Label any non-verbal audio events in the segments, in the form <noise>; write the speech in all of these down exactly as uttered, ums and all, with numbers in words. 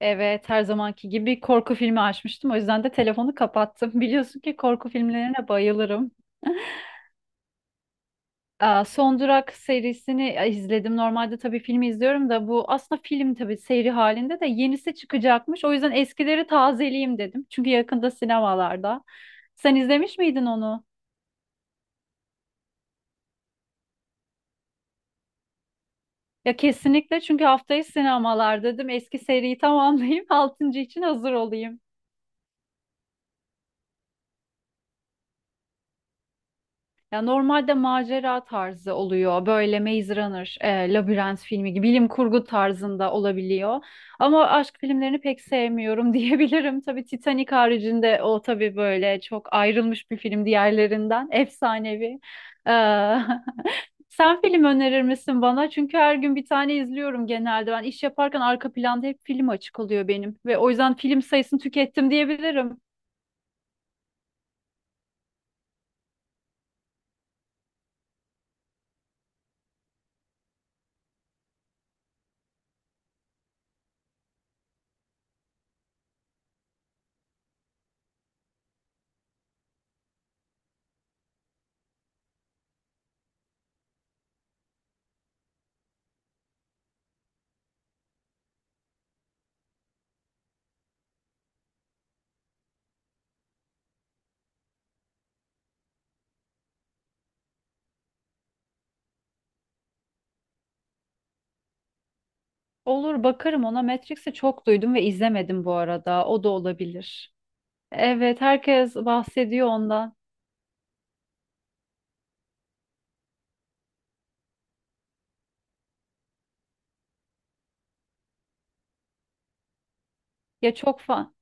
Evet, her zamanki gibi korku filmi açmıştım. O yüzden de telefonu kapattım. <laughs> Biliyorsun ki korku filmlerine bayılırım. <laughs> Aa, Son Durak serisini e, izledim. Normalde tabii filmi izliyorum da bu aslında film tabii seri halinde de yenisi çıkacakmış. O yüzden eskileri tazeleyeyim dedim. Çünkü yakında sinemalarda. Sen izlemiş miydin onu? Ya kesinlikle çünkü haftayı sinemalar dedim. Eski seriyi tamamlayayım. <laughs> Altıncı için hazır olayım. Ya normalde macera tarzı oluyor. Böyle Maze Runner, e, Labirent filmi gibi bilim kurgu tarzında olabiliyor. Ama aşk filmlerini pek sevmiyorum <laughs> diyebilirim. Tabii Titanic haricinde o tabii böyle çok ayrılmış bir film diğerlerinden. Efsanevi. Ee, <laughs> sen film önerir misin bana? Çünkü her gün bir tane izliyorum genelde. Ben iş yaparken arka planda hep film açık oluyor benim. Ve o yüzden film sayısını tükettim diyebilirim. Olur bakarım ona. Matrix'i çok duydum ve izlemedim bu arada. O da olabilir. Evet, herkes bahsediyor ondan. Ya çok fan.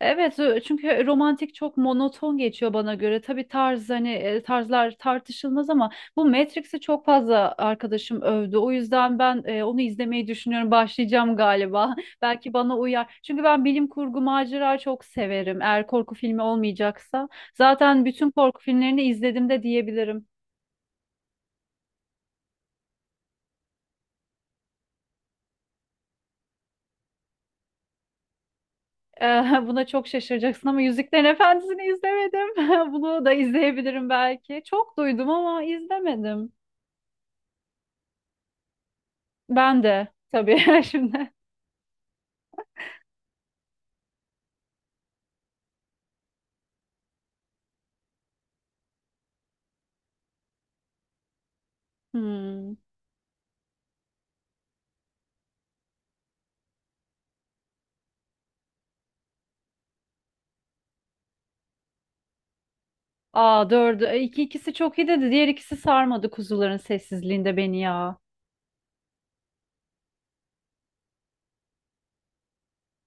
Evet, ö- çünkü romantik çok monoton geçiyor bana göre. Tabii tarz hani e, tarzlar tartışılmaz ama bu Matrix'i çok fazla arkadaşım övdü. O yüzden ben e, onu izlemeyi düşünüyorum. Başlayacağım galiba. <laughs> Belki bana uyar. Çünkü ben bilim kurgu macera çok severim. Eğer korku filmi olmayacaksa. Zaten bütün korku filmlerini izledim de diyebilirim. Ee, Buna çok şaşıracaksın ama Yüzüklerin Efendisi'ni izlemedim. <laughs> Bunu da izleyebilirim belki. Çok duydum ama izlemedim. Ben de tabii <laughs> şimdi. Hmm. Aa, dördü. E, İki ikisi çok iyi dedi. Diğer ikisi sarmadı kuzuların sessizliğinde beni ya.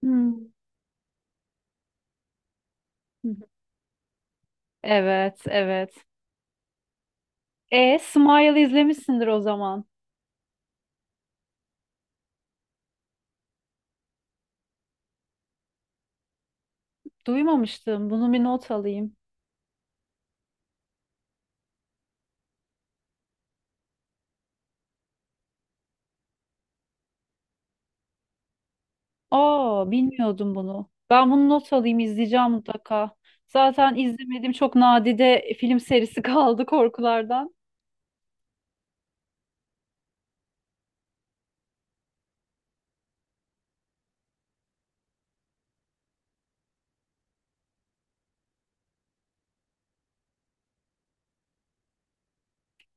Hmm. Evet, evet. E, Smile izlemişsindir o zaman. Duymamıştım. Bunu bir not alayım. Aa, bilmiyordum bunu. Ben bunu not alayım, izleyeceğim mutlaka. Zaten izlemediğim çok nadide film serisi <laughs> kaldı korkulardan.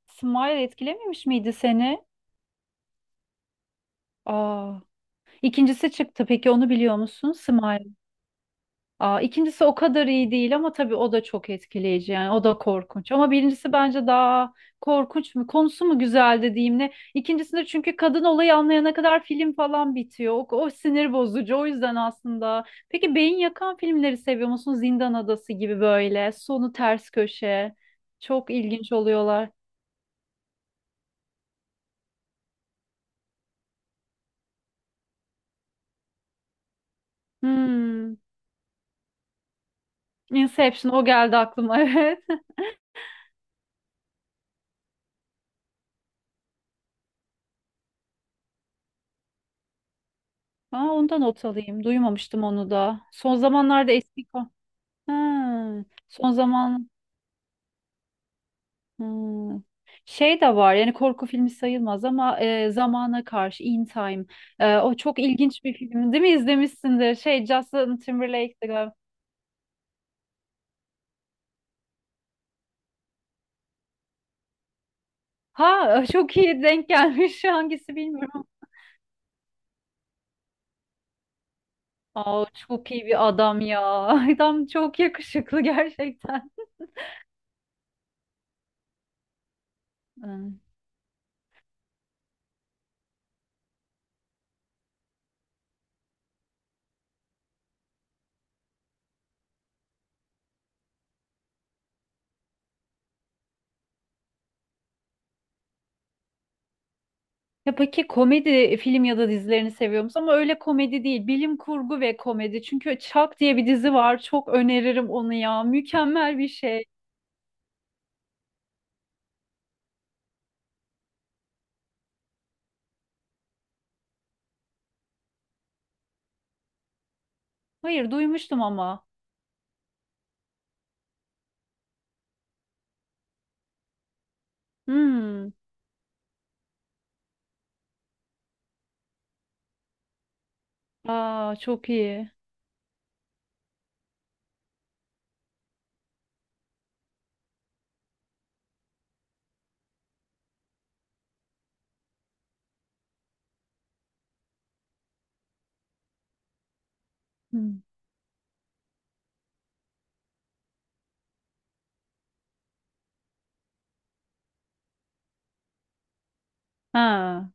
Smile etkilememiş miydi seni? Aa, ikincisi çıktı. Peki onu biliyor musun? Smile. Aa, ikincisi o kadar iyi değil ama tabii o da çok etkileyici, yani o da korkunç. Ama birincisi bence daha korkunç mu, konusu mu güzel dediğim ne. İkincisinde çünkü kadın olayı anlayana kadar film falan bitiyor. O, o sinir bozucu o yüzden aslında. Peki beyin yakan filmleri seviyor musun? Zindan Adası gibi böyle sonu ters köşe çok ilginç oluyorlar. Hmm. Inception o geldi aklıma <laughs> evet. Aa, ondan not alayım, duymamıştım onu da. Son zamanlarda eski... ko- Ha. Son zaman. Hmm. Şey de var, yani korku filmi sayılmaz ama e, zamana karşı In Time. E, o çok ilginç bir film, değil mi? İzlemişsindir şey Justin Timberlake'ti galiba. Ha, <laughs> çok iyi denk gelmiş, <laughs> hangisi bilmiyorum. Aa, çok iyi bir adam ya, <laughs> adam çok yakışıklı gerçekten. Hmm. Ya peki komedi film ya da dizilerini seviyor musun? Ama öyle komedi değil, bilim kurgu ve komedi, çünkü Chuck diye bir dizi var, çok öneririm onu ya, mükemmel bir şey. Hayır, duymuştum ama. Hmm. Aa, çok iyi. Hmm. Ha.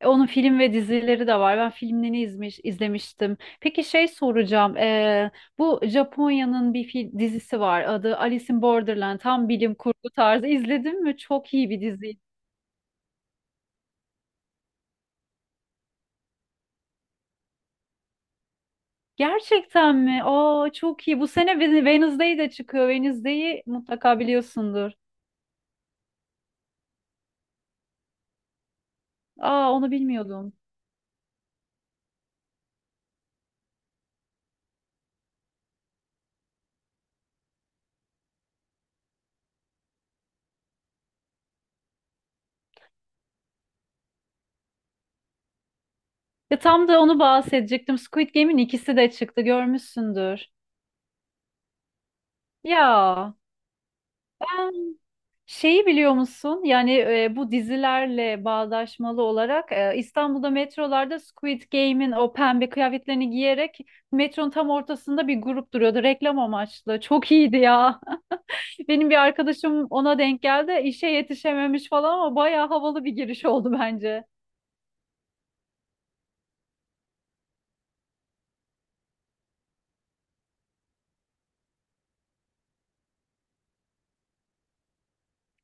E, onun film ve dizileri de var. Ben filmlerini izmiş, izlemiştim. Peki şey soracağım. Ee, bu Japonya'nın bir fil- dizisi var. Adı Alice in Borderland. Tam bilim kurgu tarzı. İzledin mi? Çok iyi bir dizi. Gerçekten mi? Aa, çok iyi. Bu sene Ven- Wednesday de çıkıyor. Wednesday'i mutlaka biliyorsundur. Aa, onu bilmiyordum. Ya tam da onu bahsedecektim. Squid Game'in ikisi de çıktı. Görmüşsündür. Ya. Şeyi biliyor musun? Yani e, bu dizilerle bağdaşmalı olarak e, İstanbul'da metrolarda Squid Game'in o pembe kıyafetlerini giyerek metronun tam ortasında bir grup duruyordu reklam amaçlı. Çok iyiydi ya. <laughs> Benim bir arkadaşım ona denk geldi. İşe yetişememiş falan ama bayağı havalı bir giriş oldu bence.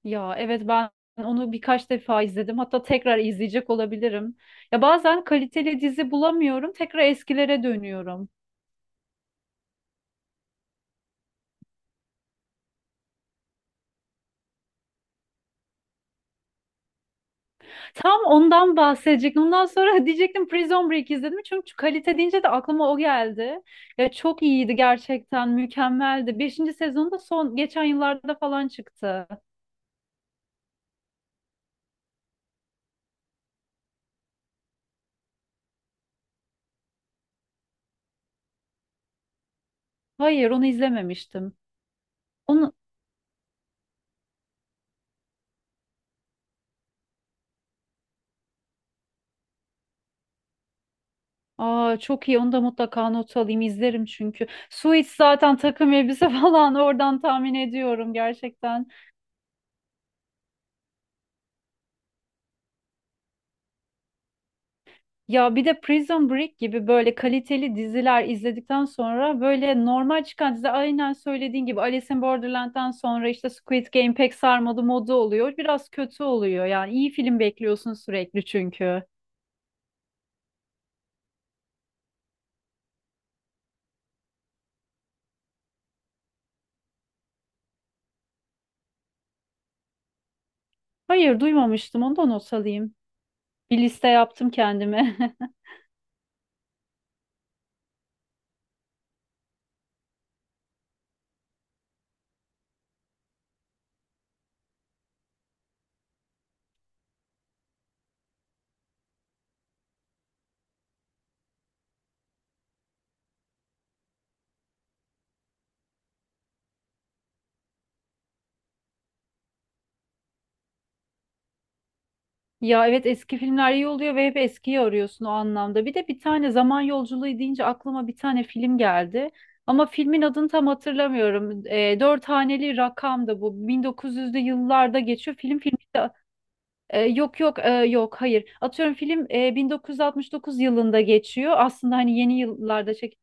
Ya evet, ben onu birkaç defa izledim. Hatta tekrar izleyecek olabilirim. Ya bazen kaliteli dizi bulamıyorum. Tekrar eskilere dönüyorum. Tam ondan bahsedecektim. Ondan sonra <laughs> diyecektim Prison Break izledim. Çünkü kalite deyince de aklıma o geldi. Ya çok iyiydi gerçekten. Mükemmeldi. Beşinci sezonu da son geçen yıllarda falan çıktı. Hayır, onu izlememiştim. Onu. Aa, çok iyi, onu da mutlaka not alayım, izlerim çünkü. Suits zaten takım elbise <laughs> falan, oradan tahmin ediyorum gerçekten. Ya bir de Prison Break gibi böyle kaliteli diziler izledikten sonra böyle normal çıkan dizi aynen söylediğin gibi Alice in Borderland'dan sonra işte Squid Game pek sarmadı modu oluyor. Biraz kötü oluyor yani, iyi film bekliyorsun sürekli çünkü. Hayır, duymamıştım, onu da not alayım. Bir liste yaptım kendime. <laughs> Ya evet, eski filmler iyi oluyor ve hep eskiyi arıyorsun o anlamda. Bir de bir tane zaman yolculuğu deyince aklıma bir tane film geldi. Ama filmin adını tam hatırlamıyorum. E, dört haneli rakam da bu. bin dokuz yüzlü yıllarda geçiyor. Film filmi de e, yok yok e, yok hayır. Atıyorum film e, bin dokuz yüz altmış dokuz yılında geçiyor. Aslında hani yeni yıllarda çek.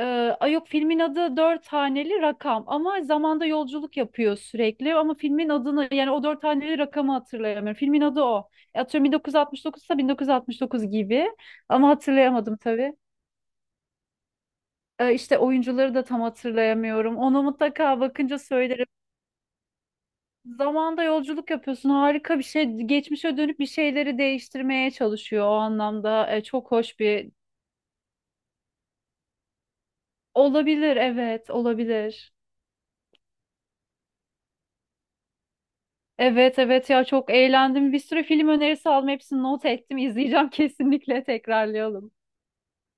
Ee, ay yok, filmin adı dört haneli rakam ama zamanda yolculuk yapıyor sürekli, ama filmin adını, yani o dört haneli rakamı hatırlayamıyorum. Filmin adı o. E, atıyorum bin dokuz yüz altmış dokuz ise bin dokuz yüz altmış dokuz gibi, ama hatırlayamadım tabii. Ee, işte oyuncuları da tam hatırlayamıyorum. Onu mutlaka bakınca söylerim. Zamanda yolculuk yapıyorsun, harika bir şey. Geçmişe dönüp bir şeyleri değiştirmeye çalışıyor o anlamda. Ee, çok hoş bir olabilir, evet olabilir. Evet, evet ya, çok eğlendim. Bir sürü film önerisi aldım. Hepsini not ettim. İzleyeceğim <laughs> kesinlikle, tekrarlayalım.